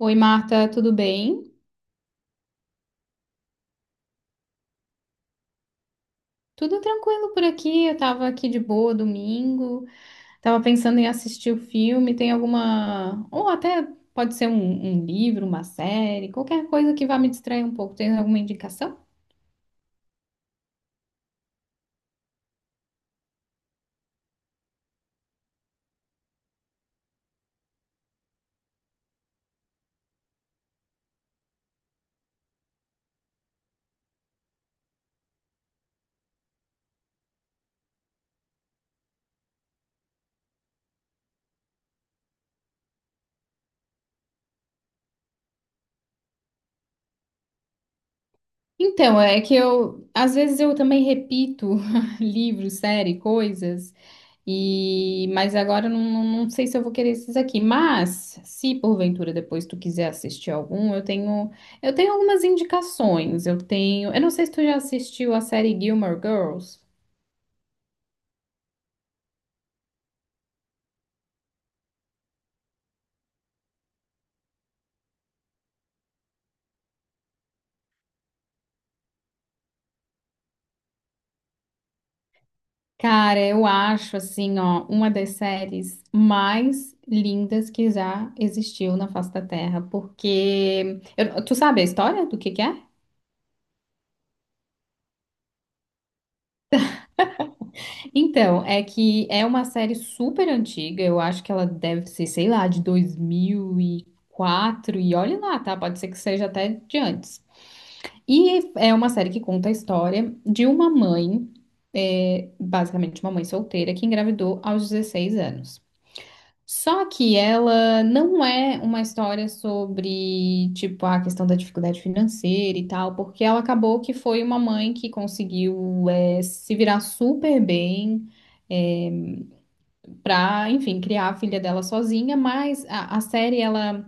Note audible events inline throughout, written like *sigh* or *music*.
Oi, Marta, tudo bem? Tudo tranquilo por aqui. Eu tava aqui de boa domingo, tava pensando em assistir o filme. Tem alguma, ou até pode ser um, um livro, uma série, qualquer coisa que vá me distrair um pouco. Tem alguma indicação? Então, é que eu, às vezes eu também repito *laughs* livros, série, coisas. E, mas agora eu não sei se eu vou querer esses aqui. Mas, se porventura depois tu quiser assistir algum, eu tenho algumas indicações. Eu tenho, eu não sei se tu já assistiu a série Gilmore Girls. Cara, eu acho assim, ó, uma das séries mais lindas que já existiu na face da Terra, porque tu sabe a história do que é? Então, é que é uma série super antiga, eu acho que ela deve ser, sei lá, de 2004, e olhe lá, tá? Pode ser que seja até de antes. E é uma série que conta a história de uma mãe, é, basicamente uma mãe solteira, que engravidou aos 16 anos. Só que ela não é uma história sobre, tipo, a questão da dificuldade financeira e tal, porque ela acabou que foi uma mãe que conseguiu, é, se virar super bem, para, enfim, criar a filha dela sozinha, mas a série ela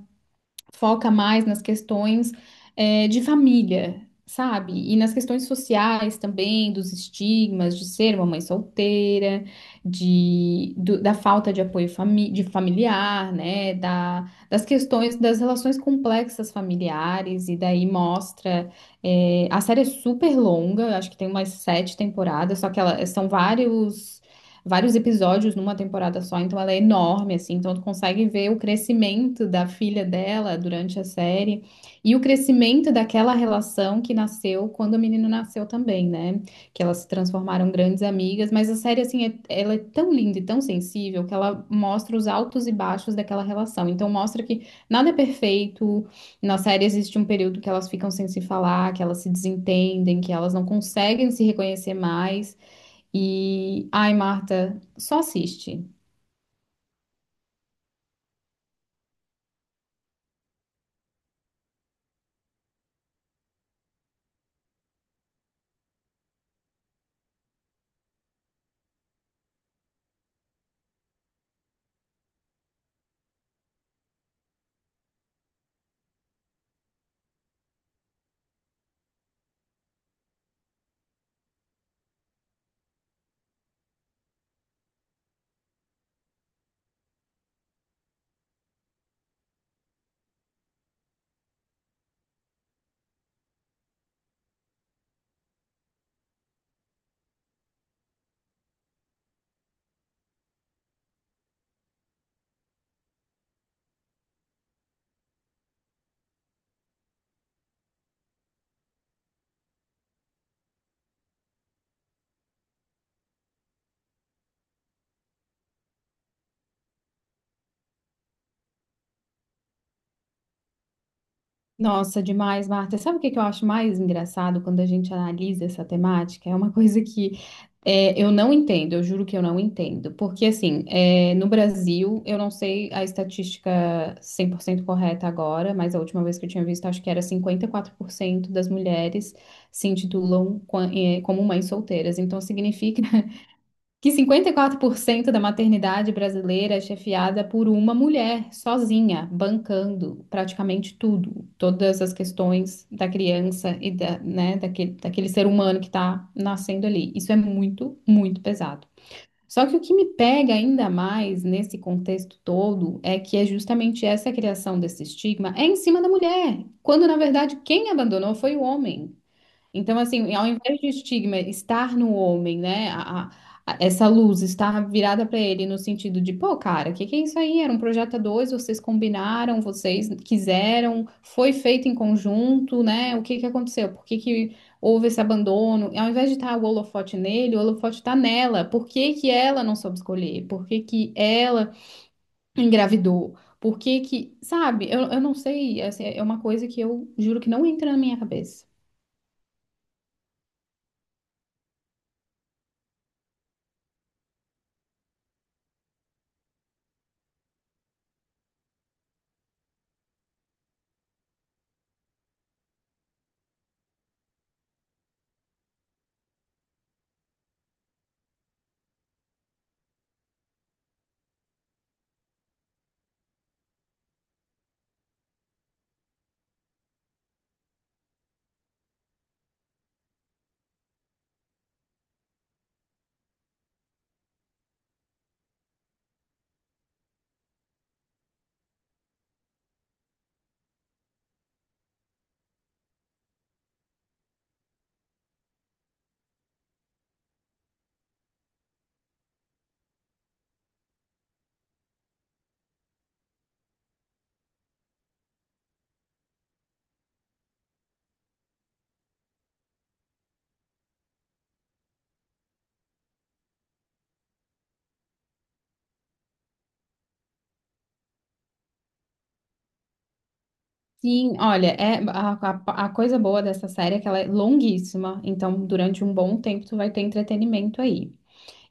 foca mais nas questões é, de família, sabe? E nas questões sociais também, dos estigmas de ser uma mãe solteira, de, da falta de apoio de familiar, né? Da, das questões das relações complexas familiares, e daí mostra. É, a série é super longa, eu acho que tem umas 7 temporadas, só que ela, são vários episódios numa temporada só, então ela é enorme, assim, então tu consegue ver o crescimento da filha dela durante a série e o crescimento daquela relação que nasceu quando o menino nasceu também, né? Que elas se transformaram grandes amigas, mas a série, assim, ela é tão linda e tão sensível que ela mostra os altos e baixos daquela relação, então mostra que nada é perfeito, na série existe um período que elas ficam sem se falar, que elas se desentendem, que elas não conseguem se reconhecer mais, e, ai, Marta, só assiste. Nossa, demais, Marta. Sabe o que que eu acho mais engraçado quando a gente analisa essa temática? É uma coisa que é, eu não entendo, eu juro que eu não entendo. Porque, assim, é, no Brasil, eu não sei a estatística 100% correta agora, mas a última vez que eu tinha visto, acho que era 54% das mulheres se intitulam como mães solteiras. Então, significa que 54% da maternidade brasileira é chefiada por uma mulher sozinha, bancando praticamente tudo, todas as questões da criança e da, né, daquele, daquele ser humano que está nascendo ali. Isso é muito, muito pesado. Só que o que me pega ainda mais nesse contexto todo é que é justamente essa criação desse estigma é em cima da mulher, quando na verdade quem abandonou foi o homem. Então, assim, ao invés de estigma estar no homem, né? Essa luz estar virada para ele no sentido de, pô, cara, o que que é isso aí? Era um projeto a dois, vocês combinaram, vocês quiseram, foi feito em conjunto, né? O que que aconteceu? Por que que houve esse abandono? Ao invés de estar o holofote nele, o holofote está nela. Por que que ela não soube escolher? Por que que ela engravidou? Por que que, sabe? Eu não sei, assim, é uma coisa que eu juro que não entra na minha cabeça. Sim, olha, é a coisa boa dessa série é que ela é longuíssima, então durante um bom tempo tu vai ter entretenimento aí.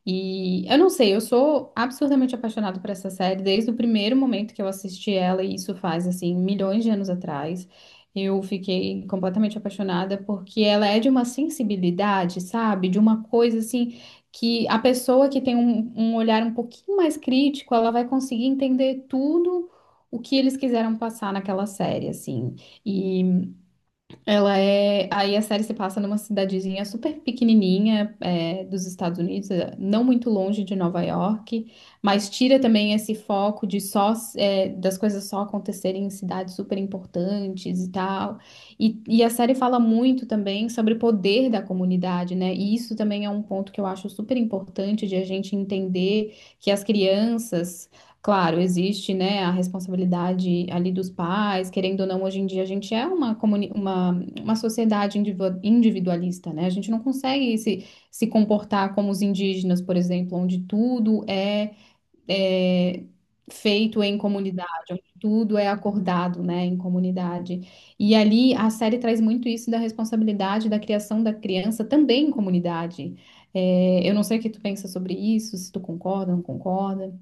E eu não sei, eu sou absurdamente apaixonada por essa série desde o primeiro momento que eu assisti ela, e isso faz assim milhões de anos atrás. Eu fiquei completamente apaixonada porque ela é de uma sensibilidade, sabe? De uma coisa assim que a pessoa que tem um olhar um pouquinho mais crítico, ela vai conseguir entender tudo o que eles quiseram passar naquela série, assim. E ela é. Aí a série se passa numa cidadezinha super pequenininha, é, dos Estados Unidos, é, não muito longe de Nova York, mas tira também esse foco de só, é, das coisas só acontecerem em cidades super importantes e tal. E a série fala muito também sobre o poder da comunidade, né? E isso também é um ponto que eu acho super importante de a gente entender que as crianças. Claro, existe, né, a responsabilidade ali dos pais, querendo ou não, hoje em dia a gente é uma, uma sociedade individualista, né? A gente não consegue se, se comportar como os indígenas, por exemplo, onde tudo é, é feito em comunidade, onde tudo é acordado, né, em comunidade. E ali a série traz muito isso da responsabilidade da criação da criança também em comunidade. É, eu não sei o que tu pensa sobre isso, se tu concorda, não concorda.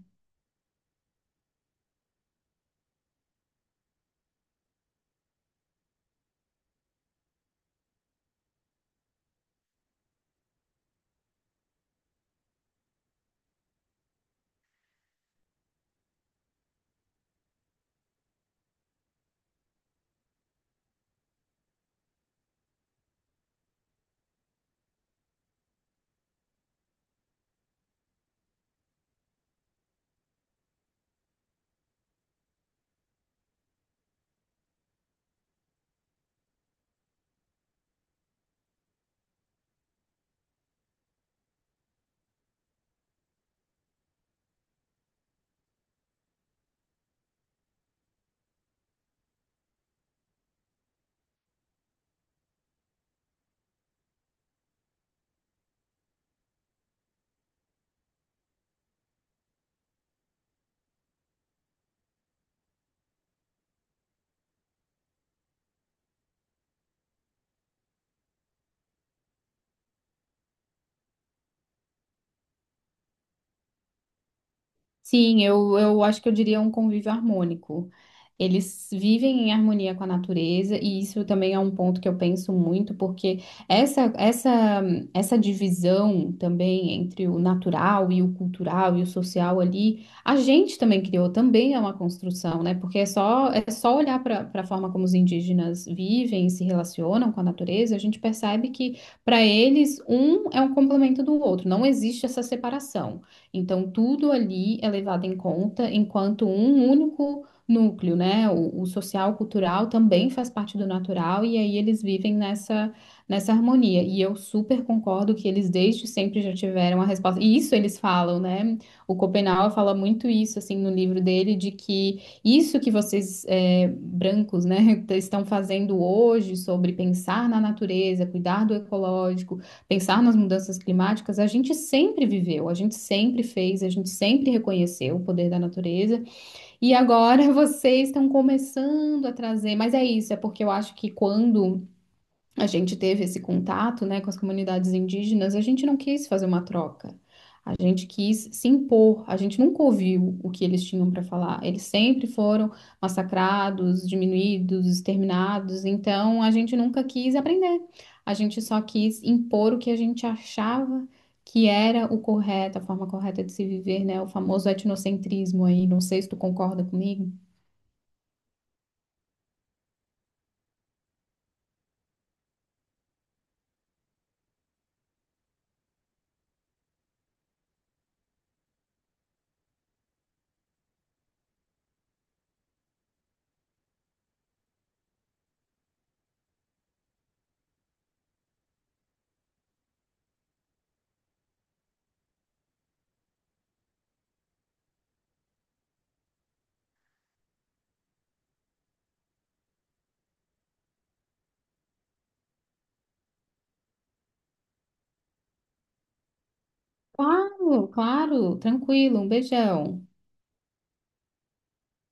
Sim, eu acho que eu diria um convívio harmônico. Eles vivem em harmonia com a natureza, e isso também é um ponto que eu penso muito, porque essa, essa, essa divisão também entre o natural e o cultural e o social ali, a gente também criou, também é uma construção, né? Porque é só olhar para a forma como os indígenas vivem e se relacionam com a natureza, a gente percebe que, para eles, um é um complemento do outro, não existe essa separação. Então, tudo ali é levado em conta, enquanto um único núcleo, né? O social, cultural também faz parte do natural, e aí eles vivem nessa, nessa harmonia. E eu super concordo que eles desde sempre já tiveram a resposta. E isso eles falam, né? O Schopenhauer fala muito isso, assim, no livro dele, de que isso que vocês, brancos, né, *laughs* estão fazendo hoje sobre pensar na natureza, cuidar do ecológico, pensar nas mudanças climáticas, a gente sempre viveu, a gente sempre fez, a gente sempre reconheceu o poder da natureza, e agora *laughs* vocês estão começando a trazer, mas é isso, é porque eu acho que quando a gente teve esse contato, né, com as comunidades indígenas, a gente não quis fazer uma troca. A gente quis se impor, a gente nunca ouviu o que eles tinham para falar. Eles sempre foram massacrados, diminuídos, exterminados, então a gente nunca quis aprender. A gente só quis impor o que a gente achava que era o correto, a forma correta de se viver, né? O famoso etnocentrismo aí. Não sei se tu concorda comigo. Claro, claro, tranquilo, um beijão.